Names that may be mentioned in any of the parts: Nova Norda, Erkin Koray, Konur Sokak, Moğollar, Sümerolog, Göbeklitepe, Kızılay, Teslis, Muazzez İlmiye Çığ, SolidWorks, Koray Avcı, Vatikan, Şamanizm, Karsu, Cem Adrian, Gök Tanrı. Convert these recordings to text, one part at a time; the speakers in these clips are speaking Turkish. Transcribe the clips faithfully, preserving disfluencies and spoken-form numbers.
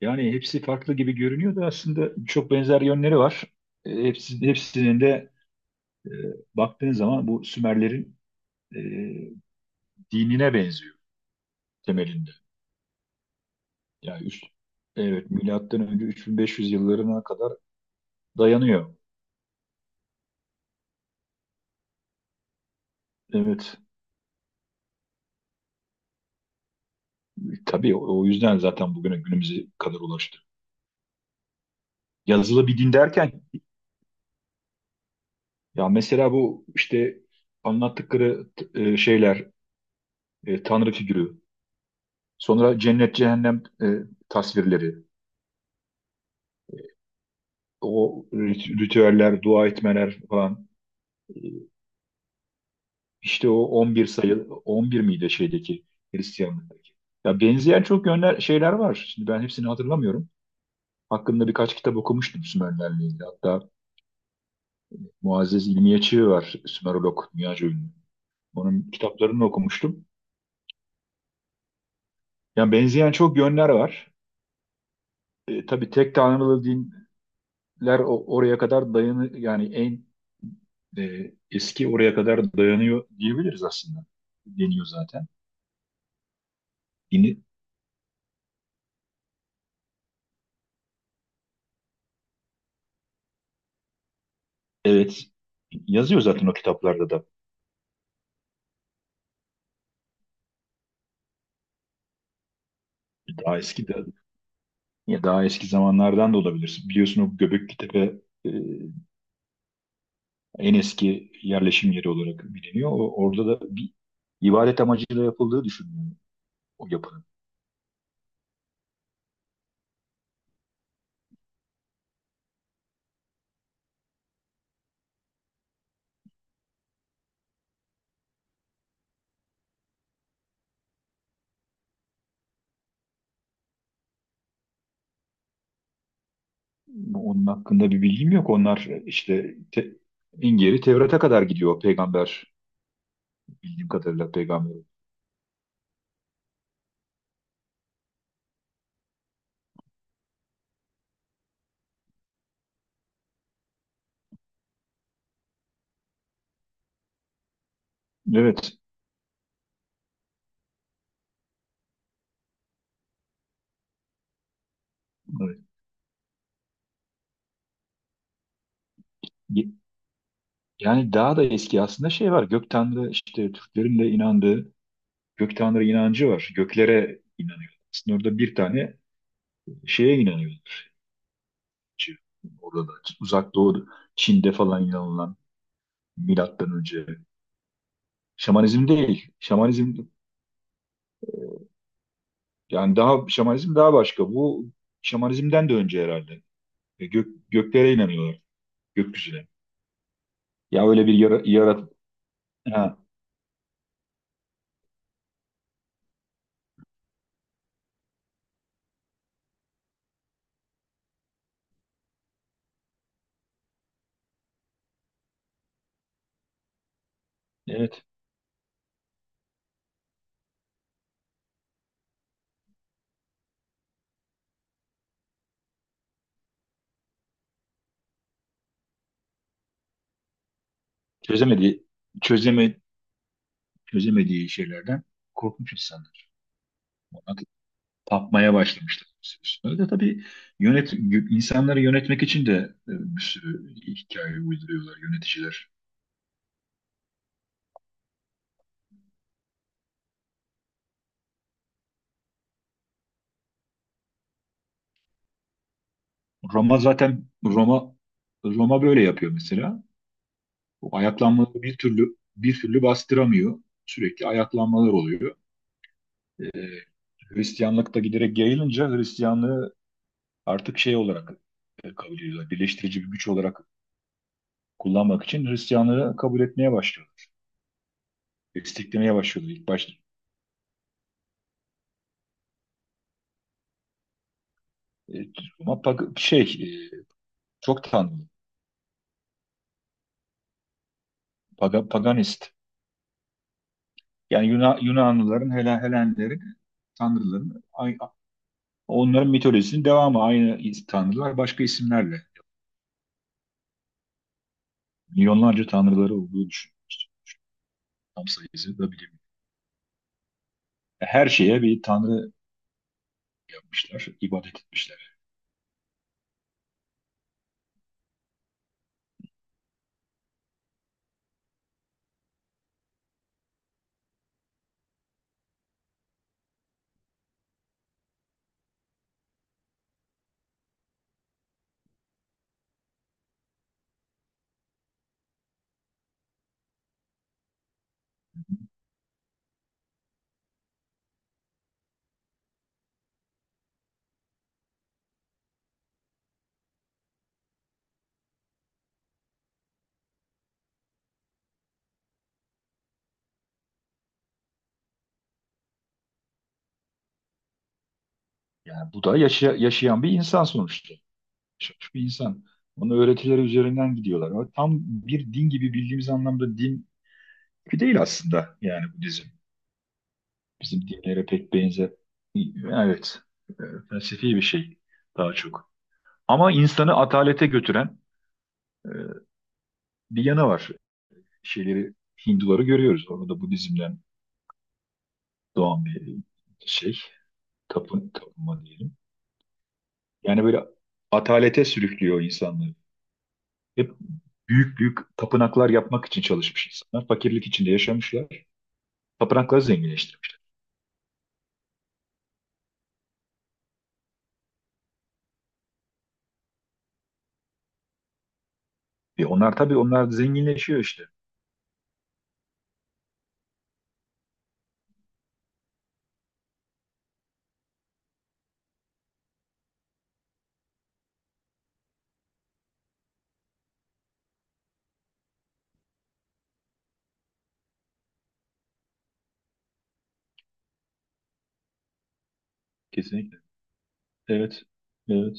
Yani hepsi farklı gibi görünüyor da aslında çok benzer yönleri var. E, Hepsi, hepsinin de e, baktığın zaman bu Sümerlerin e, dinine benziyor temelinde. Yani üst, evet, milattan önce üç bin beş yüz yıllarına kadar dayanıyor. Evet, tabii o, o yüzden zaten bugüne günümüze kadar ulaştı. Yazılı bir din derken ya mesela bu işte anlattıkları t- e, şeyler, e, tanrı figürü, sonra cennet cehennem, e, tasvirleri. O rit- ritüeller, dua etmeler falan. E, İşte o on bir sayı, on bir miydi şeydeki Hristiyanlıktaki? Ya benzeyen çok yönler, şeyler var. Şimdi ben hepsini hatırlamıyorum. Hakkında birkaç kitap okumuştum Sümerlerle ilgili. Hatta Muazzez İlmiye Çığ var, Sümerolog, dünyaca ünlü. Onun kitaplarını okumuştum. Yani benzeyen çok yönler var. E, tabii tek tanrılı dinler o- oraya kadar dayanı yani en e, eski oraya kadar dayanıyor diyebiliriz aslında. Deniyor zaten. Yeni, evet yazıyor zaten o kitaplarda da. Daha eski de, ya daha eski zamanlardan da olabilir. Biliyorsun, o Göbeklitepe, e, en eski yerleşim yeri olarak biliniyor. O- orada da bir ibadet amacıyla yapıldığı düşünülüyor, o yapının. Onun hakkında bir bilgim yok. Onlar işte te, en geri Tevrat'a kadar gidiyor peygamber, bildiğim kadarıyla peygamber. Evet. evet. Ye- Yani daha da eski aslında şey var. Gök Tanrı, işte Türklerin de inandığı Gök tanrı inancı var. Göklere inanıyorlar. Aslında orada bir tane şeye inanıyorlar. Orada da uzak doğu, Çin'de falan inanılan, milattan önce. Şamanizm değil. Şamanizm, yani daha şamanizm daha başka. Bu şamanizmden de önce herhalde. E, Gök, göklere inanıyorlar. Gökyüzüne. Ya, öyle bir yara, yarat, ha, evet. Çözemediği çözeme çözemediği şeylerden korkmuş insanlar. Tapmaya başlamışlar bir süre sonra da, tabii, yönet insanları yönetmek için de e, bir sürü hikaye uyduruyorlar yöneticiler. Roma zaten, Roma Roma böyle yapıyor mesela. O ayaklanmaları bir türlü bir türlü bastıramıyor. Sürekli ayaklanmalar oluyor. E, Hristiyanlık da giderek yayılınca, Hristiyanlığı artık şey olarak e, kabul ediyorlar. Birleştirici bir güç olarak kullanmak için Hristiyanlığı kabul etmeye başlıyorlar. Desteklemeye başlıyorlar ilk başta. E, Roma pag- şey, e, çok tanrı. Paga- paganist. Yani Yuna- Yunanlıların, Helen, Helenlerin, tanrıların, ay- onların mitolojisinin devamı. Aynı is- tanrılar başka isimlerle. Milyonlarca tanrıları olduğu düşünüyoruz. Tam sayısı da bilmiyorum. Her şeye bir tanrı yapmışlar, ibadet etmişler. Yani bu da yaşa- yaşayan bir insan sonuçta. Yaşamış bir insan. Onun öğretileri üzerinden gidiyorlar. Ama tam bir din gibi, bildiğimiz anlamda din gibi değil aslında, yani bu dizi. Bizim dinlere pek benzer. Evet, e, felsefi bir şey daha çok. Ama insanı atalete götüren e, bir yanı var. Şeyleri Hinduları görüyoruz. Orada da Budizm'den doğan bir şey. Tapın, tapınma diyelim. Yani böyle atalete sürüklüyor insanları. Hep büyük büyük tapınaklar yapmak için çalışmış insanlar. Fakirlik içinde yaşamışlar. Tapınakları zenginleştirmiş. E onlar, tabii, onlar zenginleşiyor işte. Kesinlikle. Evet. Evet.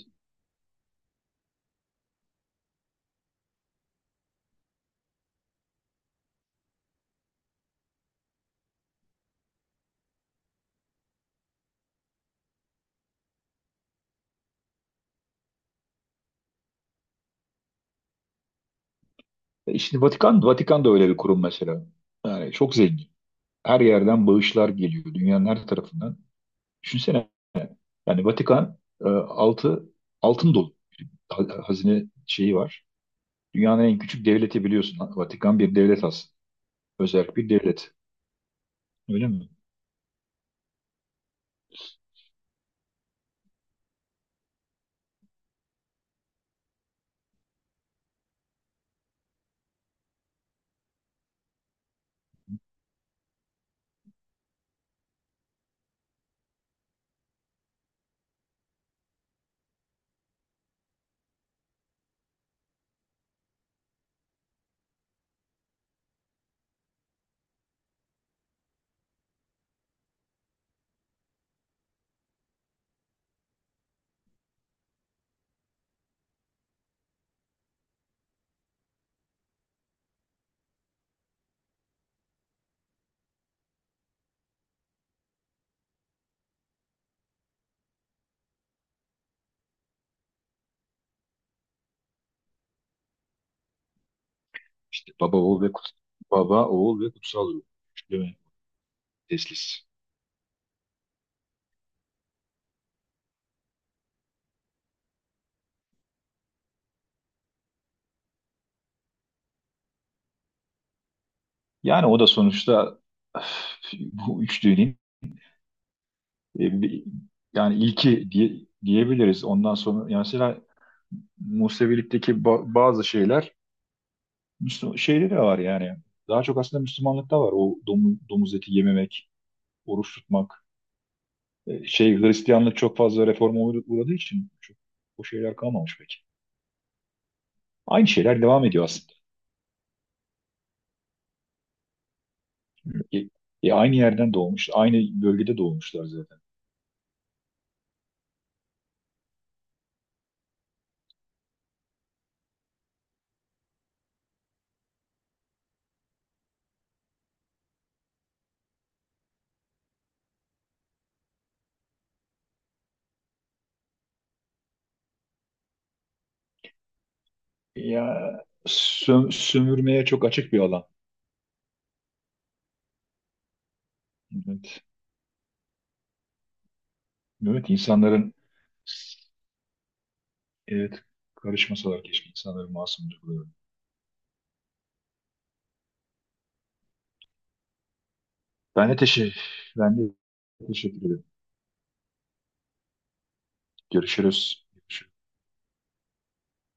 E, Şimdi Vatikan, Vatikan da öyle bir kurum mesela. Yani çok zengin. Her yerden bağışlar geliyor. Dünyanın her tarafından. Düşünsene, yani Vatikan, e, altı altın dolu. Ha- Hazine şeyi var. Dünyanın en küçük devleti, biliyorsun. Vatikan bir devlet aslında. Özerk bir devlet. Öyle mi? İşte baba oğul ve kutsal, baba oğul ve kutsal ruh. Değil mi? Teslis. Yani o da sonuçta, öf, bu üçlünün, e, bir- yani ilki, diye, diyebiliriz. Ondan sonra yani mesela Musevilik'teki ba- bazı şeyler Müslüman, şeyde de var yani. Daha çok aslında Müslümanlıkta var. O domu- domuz eti yememek, oruç tutmak. E, Şey Hristiyanlık çok fazla reforma uğra- uğradığı için çok, o şeyler kalmamış pek. Aynı şeyler devam ediyor aslında. E, e, aynı yerden doğmuş, aynı bölgede doğmuşlar zaten. E, Ya sö- sömürmeye çok açık bir alan. Evet. Evet, insanların, evet, karışmasalar keşke insanların masumdur. Ben de teşekkür, Ben de teşekkür ederim. Görüşürüz.